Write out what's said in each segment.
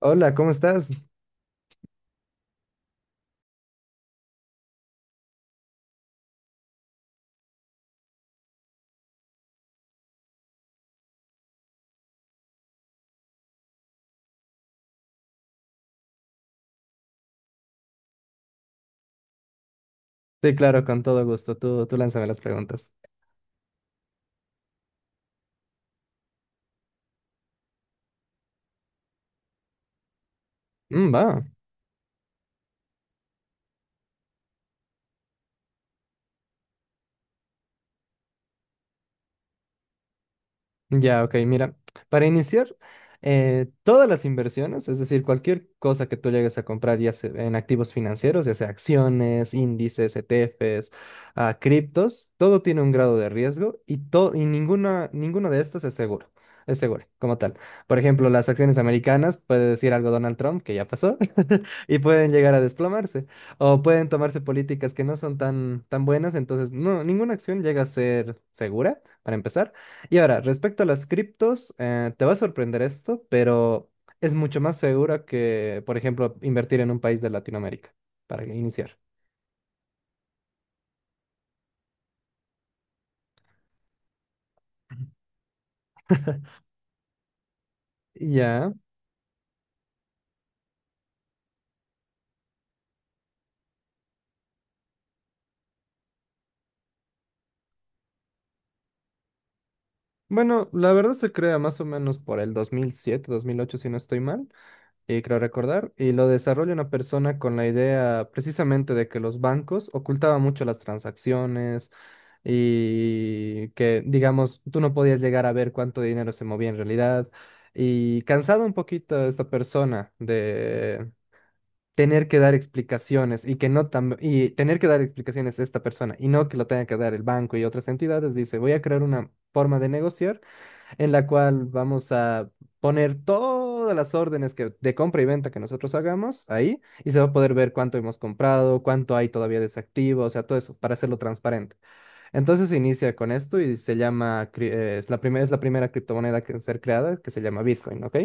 Hola, ¿cómo estás? Sí, claro, con todo gusto. Tú lánzame las preguntas. Mm, va. Ya, ok, mira, para iniciar, todas las inversiones, es decir, cualquier cosa que tú llegues a comprar ya sea en activos financieros, ya sea acciones, índices, ETFs, criptos, todo tiene un grado de riesgo y, y ninguno de estos es seguro como tal. Por ejemplo, las acciones americanas, puede decir algo Donald Trump, que ya pasó, y pueden llegar a desplomarse, o pueden tomarse políticas que no son tan, tan buenas, entonces no, ninguna acción llega a ser segura, para empezar. Y ahora, respecto a las criptos, te va a sorprender esto, pero es mucho más segura que, por ejemplo, invertir en un país de Latinoamérica, para iniciar. Ya. Bueno, la verdad se crea más o menos por el 2007, 2008 si no estoy mal. Y creo recordar, y lo desarrolla una persona con la idea precisamente de que los bancos ocultaban mucho las transacciones y que, digamos, tú no podías llegar a ver cuánto dinero se movía en realidad. Y cansado un poquito esta persona de tener que dar explicaciones y que no y tener que dar explicaciones a esta persona y no que lo tenga que dar el banco y otras entidades, dice, voy a crear una forma de negociar en la cual vamos a poner todas las órdenes que, de compra y venta que nosotros hagamos ahí y se va a poder ver cuánto hemos comprado, cuánto hay todavía desactivo, o sea, todo eso para hacerlo transparente. Entonces se inicia con esto y se llama, es la primera criptomoneda que en ser creada que se llama Bitcoin, ¿ok?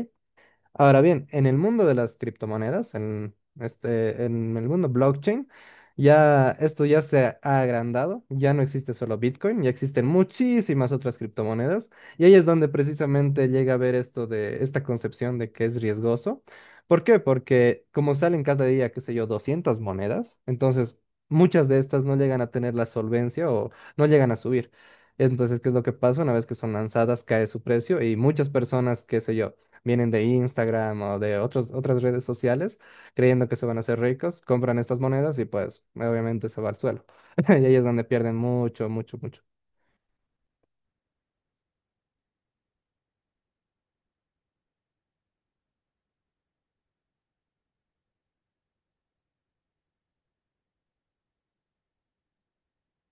Ahora bien, en el mundo de las criptomonedas, en el mundo blockchain, ya esto ya se ha agrandado, ya no existe solo Bitcoin, ya existen muchísimas otras criptomonedas, y ahí es donde precisamente llega a ver esto de esta concepción de que es riesgoso. ¿Por qué? Porque como salen cada día, qué sé yo, 200 monedas, entonces muchas de estas no llegan a tener la solvencia o no llegan a subir. Entonces, ¿qué es lo que pasa? Una vez que son lanzadas, cae su precio y muchas personas, qué sé yo, vienen de Instagram o de otras redes sociales, creyendo que se van a hacer ricos, compran estas monedas y pues obviamente se va al suelo. Y ahí es donde pierden mucho, mucho, mucho.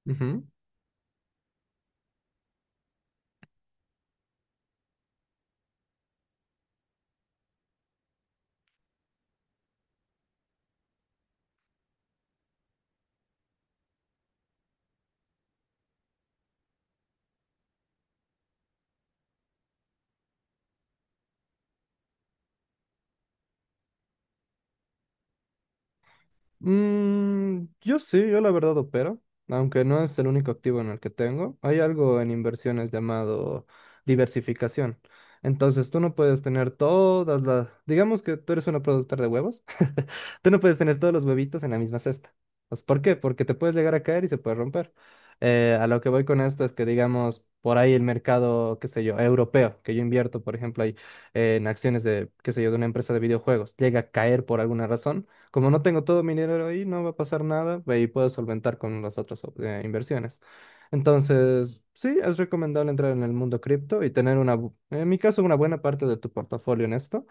Ujú. Yo sí, yo la verdad opero, aunque no es el único activo en el que tengo. Hay algo en inversiones llamado diversificación. Entonces, tú no puedes tener todas las, digamos que tú eres una productora de huevos, tú no puedes tener todos los huevitos en la misma cesta. Pues, ¿por qué? Porque te puedes llegar a caer y se puede romper. A lo que voy con esto es que, digamos, por ahí el mercado, qué sé yo, europeo, que yo invierto, por ejemplo, ahí en acciones de, qué sé yo, de una empresa de videojuegos, llega a caer por alguna razón. Como no tengo todo mi dinero ahí, no va a pasar nada y puedo solventar con las otras inversiones. Entonces, sí, es recomendable entrar en el mundo cripto y tener en mi caso, una buena parte de tu portafolio en esto.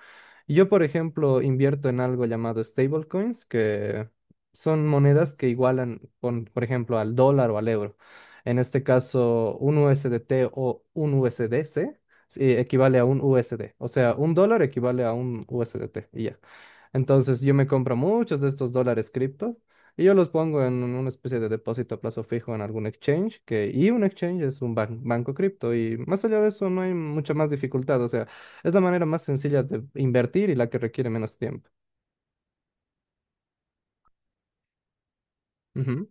Yo, por ejemplo, invierto en algo llamado stablecoins, que son monedas que igualan, por ejemplo, al dólar o al euro. En este caso, un USDT o un USDC sí, equivale a un USD. O sea, un dólar equivale a un USDT y ya. Entonces yo me compro muchos de estos dólares cripto y yo los pongo en una especie de depósito a plazo fijo en algún exchange, que, y un exchange es un banco cripto y más allá de eso no hay mucha más dificultad, o sea, es la manera más sencilla de invertir y la que requiere menos tiempo. Ujú.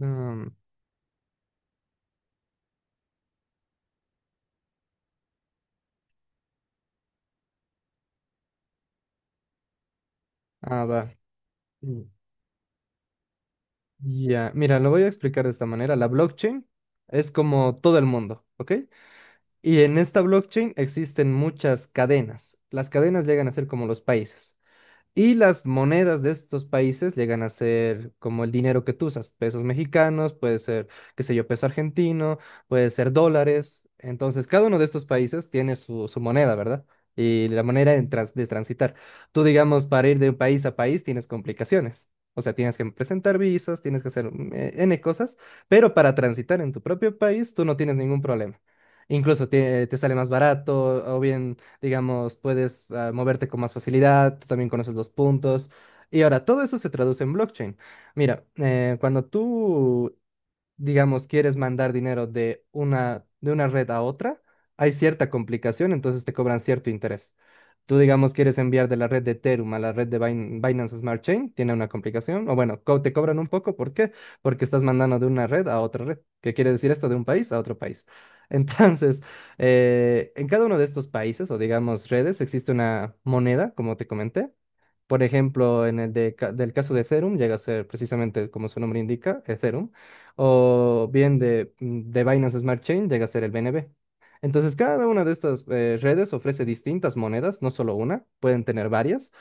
Um, va. Mm, Ya, mira, lo voy a explicar de esta manera. La blockchain es como todo el mundo, ¿ok? Y en esta blockchain existen muchas cadenas. Las cadenas llegan a ser como los países. Y las monedas de estos países llegan a ser como el dinero que tú usas, pesos mexicanos, puede ser, qué sé yo, peso argentino, puede ser dólares. Entonces, cada uno de estos países tiene su, su moneda, ¿verdad? Y la manera en de transitar. Tú, digamos, para ir de un país a país tienes complicaciones. O sea, tienes que presentar visas, tienes que hacer N cosas, pero para transitar en tu propio país tú no tienes ningún problema. Incluso te sale más barato o bien digamos, puedes moverte con más facilidad, tú también conoces los puntos. Y ahora, todo eso se traduce en blockchain. Mira, cuando tú digamos, quieres mandar dinero de de una red a otra, hay cierta complicación, entonces te cobran cierto interés. Tú, digamos, quieres enviar de la red de Ethereum a la red de Binance Smart Chain, tiene una complicación, o bueno, te cobran un poco, ¿por qué? Porque estás mandando de una red a otra red. ¿Qué quiere decir esto? De un país a otro país. Entonces, en cada uno de estos países, o digamos redes, existe una moneda, como te comenté, por ejemplo, en el del caso de Ethereum, llega a ser precisamente como su nombre indica, Ethereum, o bien de Binance Smart Chain, llega a ser el BNB. Entonces, cada una de estas redes ofrece distintas monedas, no solo una, pueden tener varias,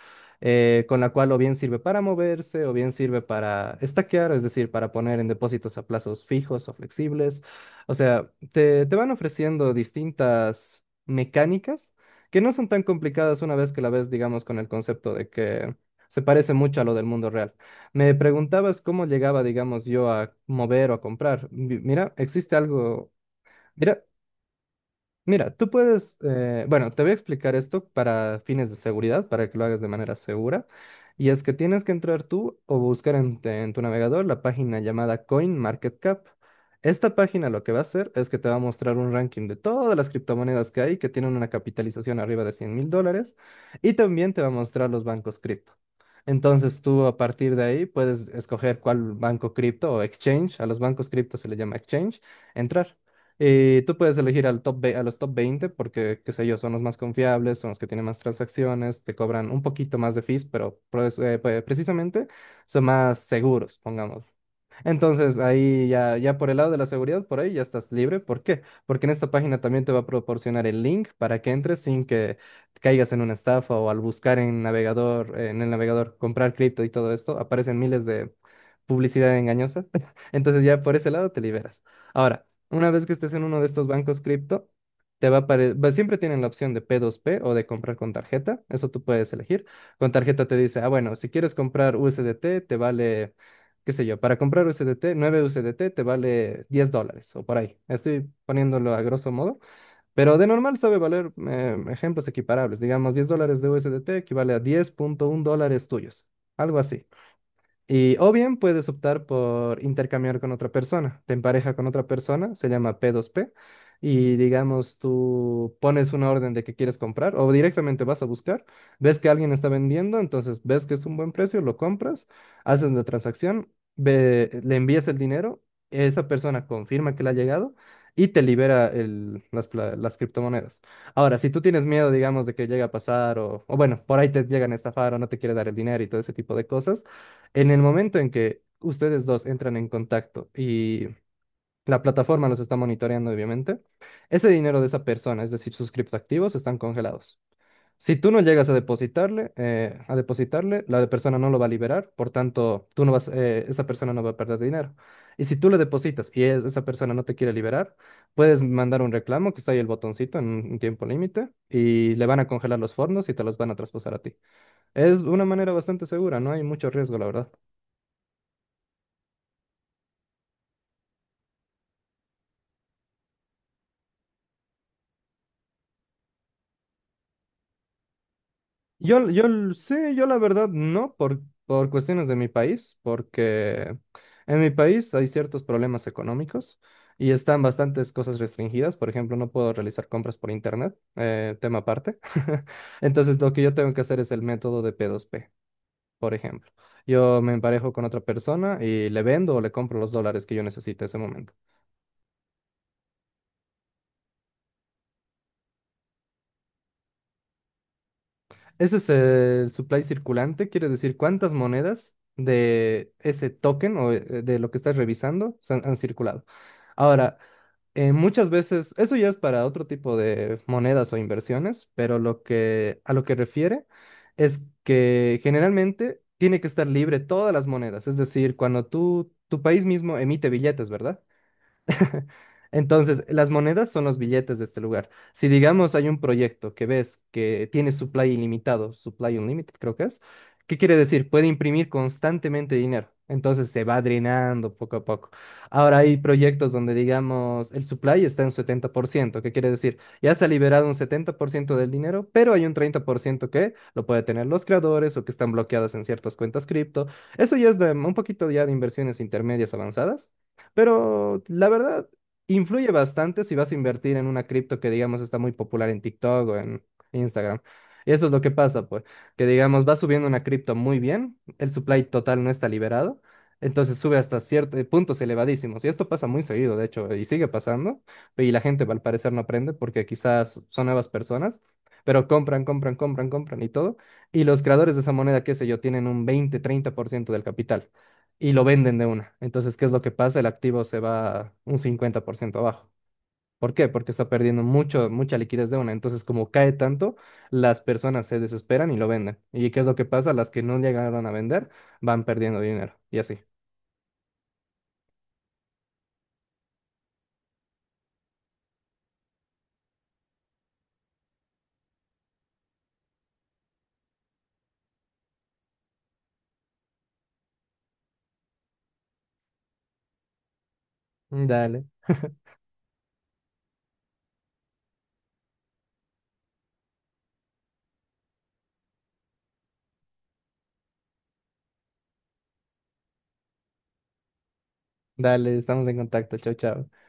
con la cual o bien sirve para moverse, o bien sirve para estaquear, es decir, para poner en depósitos a plazos fijos o flexibles. O sea, te van ofreciendo distintas mecánicas que no son tan complicadas una vez que la ves, digamos, con el concepto de que se parece mucho a lo del mundo real. Me preguntabas cómo llegaba, digamos, yo a mover o a comprar. Mira, existe algo. Mira, Mira, tú puedes, bueno, te voy a explicar esto para fines de seguridad, para que lo hagas de manera segura. Y es que tienes que entrar tú o buscar en tu navegador la página llamada CoinMarketCap. Esta página lo que va a hacer es que te va a mostrar un ranking de todas las criptomonedas que hay que tienen una capitalización arriba de 100.000 dólares y también te va a mostrar los bancos cripto. Entonces tú a partir de ahí puedes escoger cuál banco cripto o exchange, a los bancos cripto se le llama exchange, entrar. Y tú puedes elegir a los top 20 porque, qué sé yo, son los más confiables, son los que tienen más transacciones, te cobran un poquito más de fees, pero pues, precisamente son más seguros, pongamos. Entonces, ahí ya, ya por el lado de la seguridad, por ahí ya estás libre. ¿Por qué? Porque en esta página también te va a proporcionar el link para que entres sin que caigas en una estafa o al buscar en el navegador comprar cripto y todo esto, aparecen miles de publicidad engañosa. Entonces, ya por ese lado te liberas. Ahora, una vez que estés en uno de estos bancos cripto, te va a aparecer, siempre tienen la opción de P2P o de comprar con tarjeta, eso tú puedes elegir. Con tarjeta te dice, ah, bueno, si quieres comprar USDT, te vale, qué sé yo, para comprar USDT, 9 USDT te vale 10 dólares o por ahí. Estoy poniéndolo a grosso modo, pero de normal sabe valer ejemplos equiparables. Digamos, 10 dólares de USDT equivale a 10.1 dólares tuyos, algo así. Y, o bien puedes optar por intercambiar con otra persona. Te empareja con otra persona, se llama P2P. Y digamos, tú pones una orden de que quieres comprar o directamente vas a buscar, ves que alguien está vendiendo, entonces ves que es un buen precio, lo compras, haces la transacción, le envías el dinero, esa persona confirma que le ha llegado y te libera las, las criptomonedas. Ahora, si tú tienes miedo, digamos, de que llegue a pasar o bueno, por ahí te llegan a estafar o no te quiere dar el dinero y todo ese tipo de cosas. En el momento en que ustedes dos entran en contacto y la plataforma los está monitoreando, obviamente, ese dinero de esa persona, es decir, sus criptoactivos, están congelados. Si tú no llegas a depositarle, la de persona no lo va a liberar, por tanto, tú no vas, esa persona no va a perder dinero. Y si tú le depositas y esa persona no te quiere liberar, puedes mandar un reclamo, que está ahí el botoncito en un tiempo límite, y le van a congelar los fondos y te los van a traspasar a ti. Es una manera bastante segura, no hay mucho riesgo, la verdad. Yo la verdad no, por cuestiones de mi país, porque en mi país hay ciertos problemas económicos y están bastantes cosas restringidas. Por ejemplo, no puedo realizar compras por internet, tema aparte. Entonces, lo que yo tengo que hacer es el método de P2P por ejemplo. Yo me emparejo con otra persona y le vendo o le compro los dólares que yo necesito en ese momento. Ese es el supply circulante, quiere decir cuántas monedas de ese token o de lo que estás revisando han circulado. Ahora, muchas veces, eso ya es para otro tipo de monedas o inversiones, pero lo que, a lo que refiere es que generalmente tiene que estar libre todas las monedas, es decir, cuando tu país mismo emite billetes, ¿verdad? Entonces, las monedas son los billetes de este lugar. Si digamos hay un proyecto que ves que tiene supply ilimitado, supply unlimited creo que es, ¿qué quiere decir? Puede imprimir constantemente dinero. Entonces se va drenando poco a poco. Ahora hay proyectos donde digamos el supply está en 70%, ¿qué quiere decir? Ya se ha liberado un 70% del dinero, pero hay un 30% que lo puede tener los creadores o que están bloqueados en ciertas cuentas cripto. Eso ya es de, un poquito ya de inversiones intermedias avanzadas. Pero la verdad, influye bastante si vas a invertir en una cripto que, digamos, está muy popular en TikTok o en Instagram. Y eso es lo que pasa, pues, que, digamos, va subiendo una cripto muy bien, el supply total no está liberado, entonces sube hasta ciertos puntos elevadísimos. Y esto pasa muy seguido, de hecho, y sigue pasando. Y la gente, al parecer, no aprende porque quizás son nuevas personas, pero compran, compran, compran, compran y todo. Y los creadores de esa moneda, qué sé yo, tienen un 20-30% del capital y lo venden de una. Entonces, ¿qué es lo que pasa? El activo se va un 50% abajo. ¿Por qué? Porque está perdiendo mucho, mucha liquidez de una. Entonces, como cae tanto, las personas se desesperan y lo venden. ¿Y qué es lo que pasa? Las que no llegaron a vender van perdiendo dinero. Y así. Dale, dale, estamos en contacto. Chao, chao.